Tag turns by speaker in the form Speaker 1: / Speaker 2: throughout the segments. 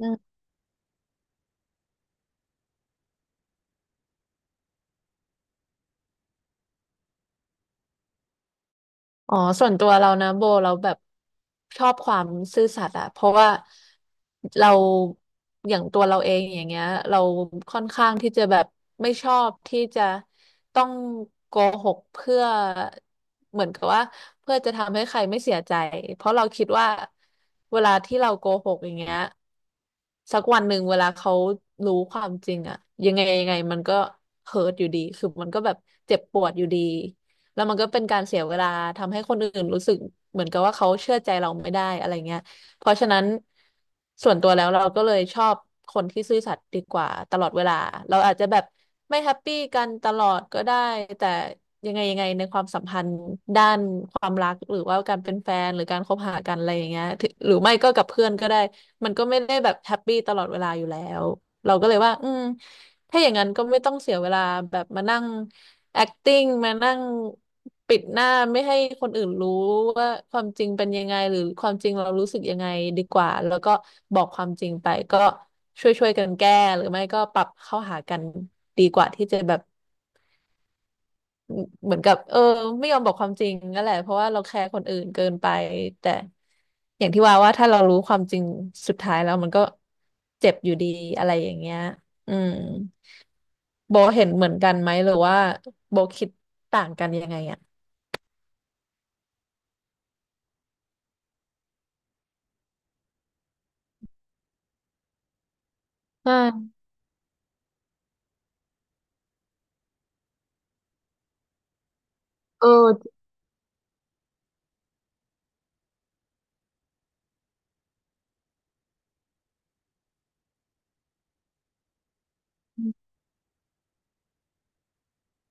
Speaker 1: อืมอ๋อส่วนตัวเรานะโบเราแบบชอบความซื่อสัตย์อะเพราะว่าเราอย่างตัวเราเองอย่างเงี้ยเราค่อนข้างที่จะแบบไม่ชอบที่จะต้องโกหกเพื่อเหมือนกับว่าเพื่อจะทำให้ใครไม่เสียใจเพราะเราคิดว่าเวลาที่เราโกหกอย่างเงี้ยสักวันหนึ่งเวลาเขารู้ความจริงอะยังไงยังไงมันก็เฮิร์ตอยู่ดีคือมันก็แบบเจ็บปวดอยู่ดี แล้วมันก็เป็นการเสียเวลาทำให้คนอื่นรู้สึกเหมือนกับว่าเขาเชื่อใจเราไม่ได้อะไรเงี้ยเพราะฉะนั้นส่วนตัวแล้วเราก็เลยชอบคนที่ซื่อสัตย์ดีกว่าตลอดเวลาเราอาจจะแบบไม่แฮปปี้กันตลอดก็ได้แต่ยังไงยังไงในความสัมพันธ์ด้านความรักหรือว่าการเป็นแฟนหรือการคบหากันอะไรอย่างเงี้ยถึหรือไม่ก็กับเพื่อนก็ได้ มันก็ไม่ได้แบบแฮปปี้ตลอดเวลาอยู่แล้ว เราก็เลยว่าอืมถ้าอย่างนั้นก็ไม่ต้องเสียเวลาแบบมานั่ง acting มานั่งปิดหน้าไม่ให้คนอื่นรู้ว่าความจริงเป็นยังไงหรือความจริงเรารู้สึกยังไงดีกว่าแล้วก็บอกความจริงไปก็ช่วยๆกันแก้หรือไม่ก็ปรับเข้าหากันดีกว่าที่จะแบบ เหมือนกับไม่ยอมบอกความจริงนั่นแหละเพราะว่าเราแคร์คนอื่นเกินไปแต่อย่างที่ว่าว่าถ้าเรารู้ความจริงสุดท้ายแล้วมันก็เจ็บอยู่ดีอะไรอย่างเงี้ยอืมโบเห็นเหมือนกันไหมหรือว่าโบคิดต่างกันยังไงอ่ะใช่เออ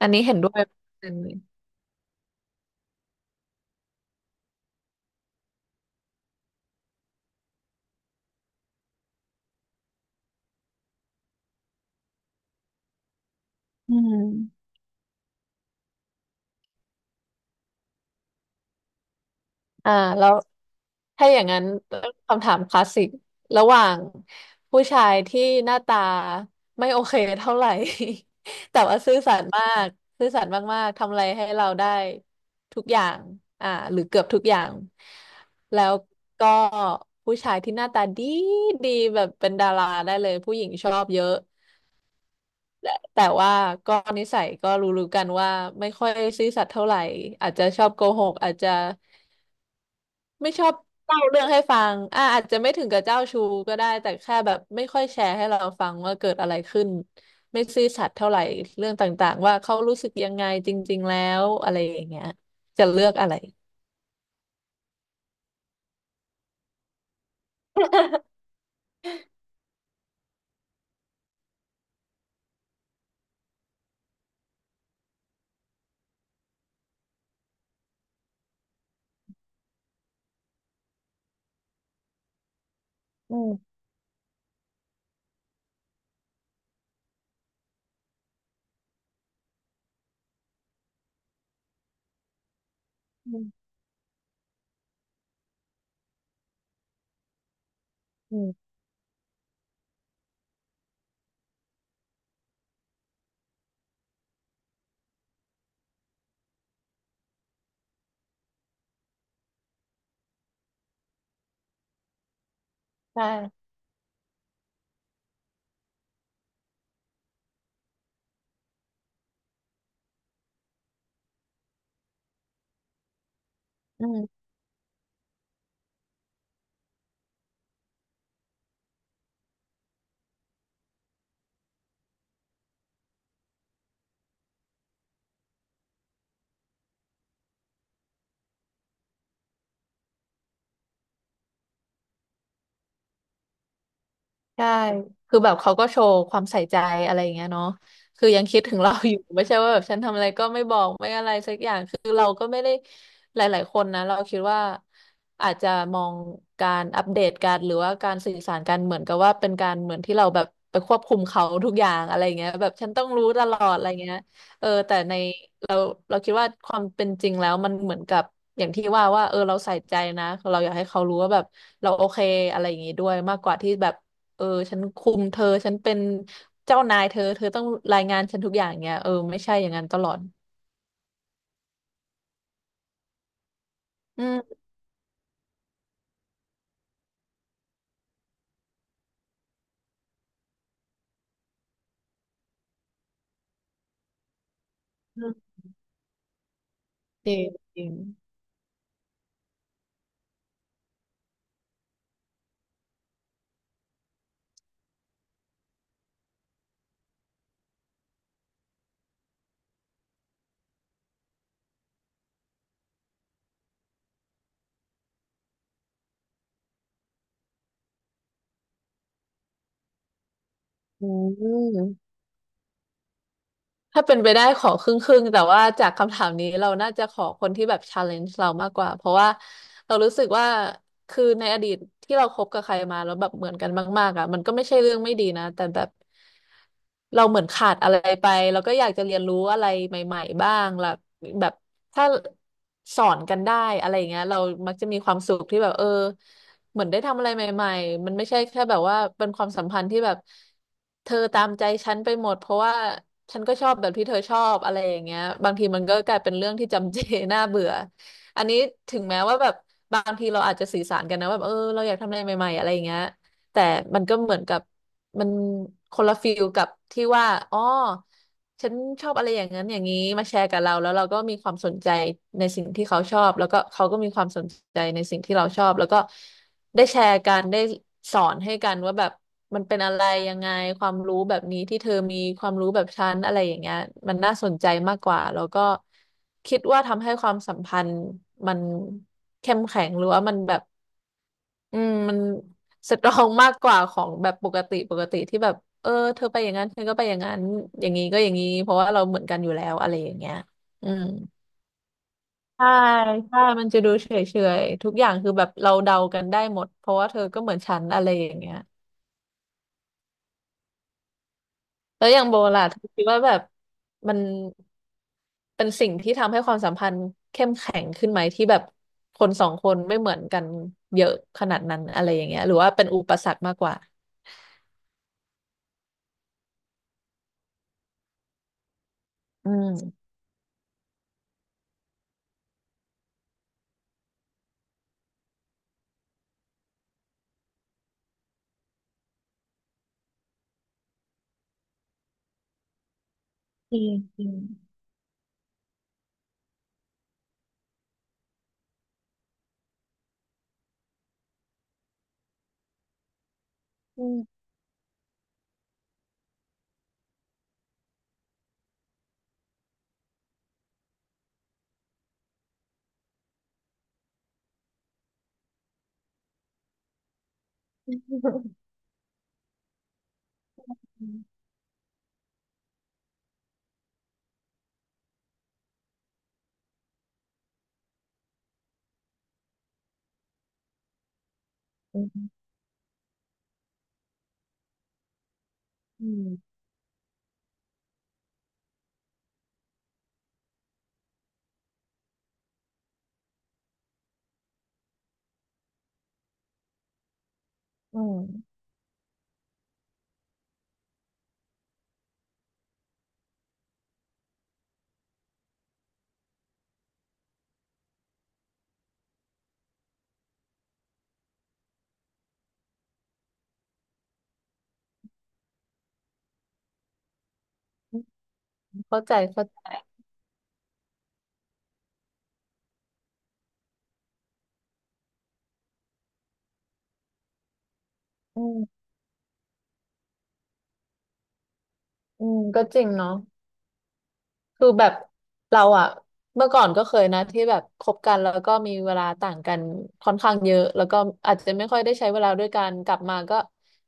Speaker 1: อันนี้เห็นด้วยเปอร์เซ็นต์เลยอืม อ่าแล้วถ้าอย่างนั้นคำถามคลาสสิกระหว่างผู้ชายที่หน้าตาไม่โอเคเท่าไหร่ แต่ว่าซื่อสัตย์มากซื่อสัตย์มากๆทำอะไรให้เราได้ทุกอย่างอ่าหรือเกือบทุกอย่างแล้วก็ผู้ชายที่หน้าตาดีดีแบบเป็นดาราได้เลยผู้หญิงชอบเยอะแต่ว่าก็นิสัยก็รู้ๆกันว่าไม่ค่อยซื่อสัตย์เท่าไหร่อาจจะชอบโกหกอาจจะ ไม่ชอบเล่าเรื่องให้ฟังอ่าอาจจะไม่ถึงกับเจ้าชู้ก็ได้ แต่แค่แบบไม่ค่อยแชร์ให้เราฟังว่าเกิดอะไรขึ้น ไม่ซื่อสัตย์เท่าไหร่เรื่องต่างๆว่าเขารู้สึกยังไงจริงๆแล้วอะไรอย่างเงี้ยจะเลือกอะไรอืมอืมอืมใช่อืม ใช่ คือแบบเขาก็โชว์ความใส่ใจอะไรอย่างเงี้ยเนาะคือยังคิดถึงเราอยู่ ไม่ใช่ว่าแบบฉันทำอะไรก็ไม่บอกไม่อะไรสักอย่าง คือเราก็ไม่ได้หลายๆคนนะเราคิดว่าอาจจะมองการอัปเดตการหรือว่าการสื่อสารกันเหมือนกับว่าเป็นการเหมือนที่เราแบบไปควบคุมเขาทุกอย่างอะไรเงี้ยแบบฉันต้องรู้ตลอดอะไรเงี้ยเออแต่ในเราเราคิดว่าความเป็นจริงแล้วมันเหมือนกับอย่างที่ว่าว่าเออเราใส่ใจนะเราอยากให้เขารู้ว่าแบบเราโอเคอะไรอย่างงี้ด้วยมากกว่าที่แบบ เออฉันคุมเธอฉันเป็นเจ้านายเธอต้องรายงานฉันทุกอย่างเงี้ยเออไม่ใช่อย่างนั้นตลอดอืมจริงจริงอืม ถ้าเป็นไปได้ขอครึ่งๆแต่ว่าจากคำถามนี้เราน่าจะขอคนที่แบบ challenge เรามากกว่าเพราะว่าเรารู้สึกว่าคือในอดีตที่เราคบกับใครมาแล้วแบบเหมือนกันมากๆอ่ะมันก็ไม่ใช่เรื่องไม่ดีนะแต่แบบเราเหมือนขาดอะไรไปเราก็อยากจะเรียนรู้อะไรใหม่ๆบ้างล่ะแบบถ้าสอนกันได้อะไรอย่างเงี้ยเรามักจะมีความสุขที่แบบเออ เหมือนได้ทำอะไรใหม่ๆ มันไม่ใช่แค่แบบว่าเป็นความสัมพันธ์ที่แบบเธอตามใจฉันไปหมดเพราะว่าฉันก็ชอบแบบที่เธอชอบอะไรอย่างเงี้ยบางทีมันก็กลายเป็นเรื่องที่จำเจ น่าเบื่ออันนี้ถึงแม้ว่าแบบบางทีเราอาจจะสื่อสารกันนะว่าแบบเออเราอยากทำอะไรใหม่ๆอะไรอย่างเงี้ยแต่มันก็เหมือนกับ มันคนละฟิลกับที่ว่าอ๋อฉันชอบอะไรอย่างนั้นอย่างนี้มาแชร์กับเราแล้วเราก็มีความสนใจในสิ่งที่เขาชอบแล้วก็เขาก็มีความสนใจในสิ่งที่เราชอบแล้วก็ได้แชร์กันได้สอนให้กันว่าแบบมันเป็นอะไรยังไงความรู้แบบนี้ที่เธอมีความรู้แบบฉันอะไรอย่างเงี้ยมันน่าสนใจมากกว่าแล้วก็คิดว่าทำให้ความสัมพันธ์มันเข้มแข็งหรือว่ามันแบบ อืมมันสตรองมากกว่าของแบบปกติปกติที่แบบเออเธอไปอย่างนั้นเธอก็ไปอย่างนั้นอย่างนี้ก็อย่างนี้เพราะว่าเราเหมือนกันอยู่แล้วอะไรอย่างเงี้ยอืมใช่ใช่มันจะดูเฉยเฉยทุกอย่างคือแบบเราเดากันได้หมดเพราะว่าเธอก็เหมือนฉันอะไรอย่างเงี้ยแล้วอย่างโบล่ะเธอคิดว่าแบบมันเป็นสิ่งที่ทำให้ความสัมพันธ์เข้มแข็งขึ้นไหมที่แบบคนสองคนไม่เหมือนกันเยอะขนาดนั้นอะไรอย่างเงี้ยหรือว่าเป็นอุปสรรคมากกว่าอืมจริง อืมอืมอืมอืมเข้าใจเข้าใจอืมอืมก็จริงเนาะคือแบบเราอะเมื่อก่อนก็เคยนะที่แบบคบกันแล้วก็มีเวลาต่างกันค่อนข้างเยอะแล้วก็อาจจะไม่ค่อยได้ใช้เวลาด้วยกันกลับมาก็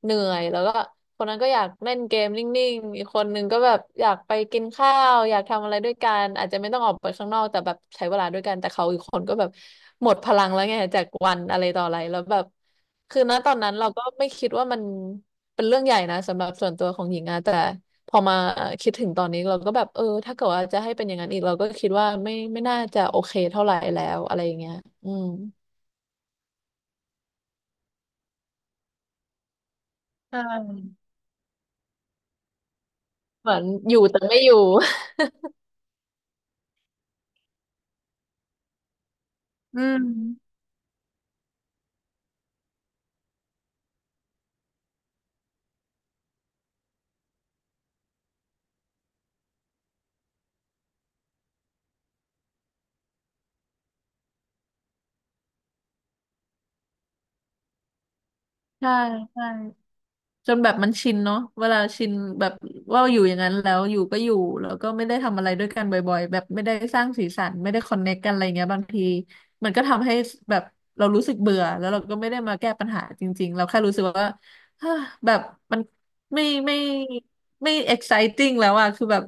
Speaker 1: เหนื่อยแล้วก็คนนั้นก็อยากเล่นเกมนิ่งๆอีกคนนึงก็แบบอยากไปกินข้าวอยากทำอะไรด้วยกันอาจจะไม่ต้องออกไปข้างนอกแต่แบบใช้เวลาด้วยกันแต่เขาอีกคนก็แบบหมดพลังแล้วไงจากวันอะไรต่ออะไรแล้วแบบ คือณตอนนั้นเราก็ไม่คิดว่ามันเป็นเรื่องใหญ่นะสำหรับส่วนตัวของหญิงอะแต่พอมาคิดถึงตอนนี้เราก็แบบถ้าเกิดว่าจะให้เป็นอย่างนั้นอีกเราก็คิดว่าไม่น่าจะโอเคเท่าไหร่แล้วอะไรอย่างเงี้ยอืมใช่เหมือนอยู่แต่ไม่อยู่ อืมใช่ใช่ จนแบบมันชินเนาะเวลาชินแบบว่าอยู่อย่างนั้นแล้วอยู่ก็อยู่แล้วก็ไม่ได้ทำอะไรด้วยกันบ่อยๆแบบไม่ได้สร้างสีสันไม่ได้คอนเน c t กันอะไรเงี้ยบางทีมันก็ทำให้แบบเรารู้สึกเบื่อแล้วเราก็ไม่ได้มาแก้ปัญหาจริงๆเราแค่รู้สึกว่า แบบมัน ไม่ไม่ไม่ exciting แล้วอะคือแบบ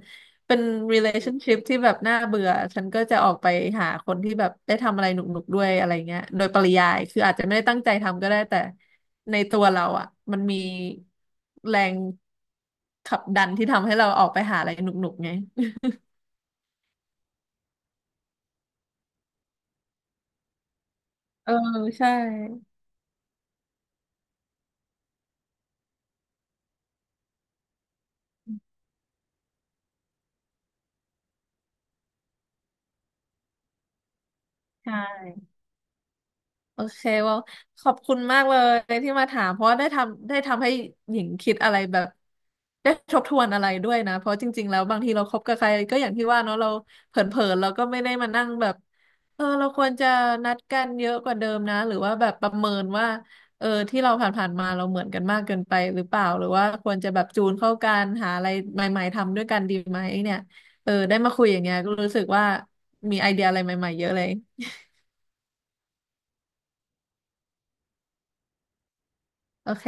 Speaker 1: เป็น relationship ที่แบบน่าเบื่อฉันก็จะออกไปหาคนที่แบบได้ทำอะไรหนุกๆด้วยอะไรเงี้ยโดยปริยาย คืออาจจะไม่ได้ตั้งใจทำก็ได้แต่ในตัวเราอะมันมีแรงขับดันที่ทำให้เราออกไปหาอะไรหนุกๆไง เออใช่ใช่ โอเคว่าขอบคุณมากเลยที่มาถามเพราะว่าได้ทำให้หญิงคิดอะไรแบบได้ทบทวนอะไรด้วยนะเพราะจริงๆแล้วบางทีเราคบกับใครก็อย่างที่ว่าเนาะเราเผลอๆเราก็ไม่ได้มานั่งแบบเออเราควรจะนัดกันเยอะกว่าเดิมนะหรือว่าแบบประเมินว่าเออที่เราผ่านๆมาเราเหมือนกันมากเกินไปหรือเปล่าหรือว่าควรจะแบบจูนเข้ากันหาอะไรใหม่ๆทำด้วยกันดีไหมเนี่ยเออได้มาคุยอย่างเงี้ยก็รู้สึกว่ามีไอเดียอะไรใหม่ๆเยอะเลยโอเค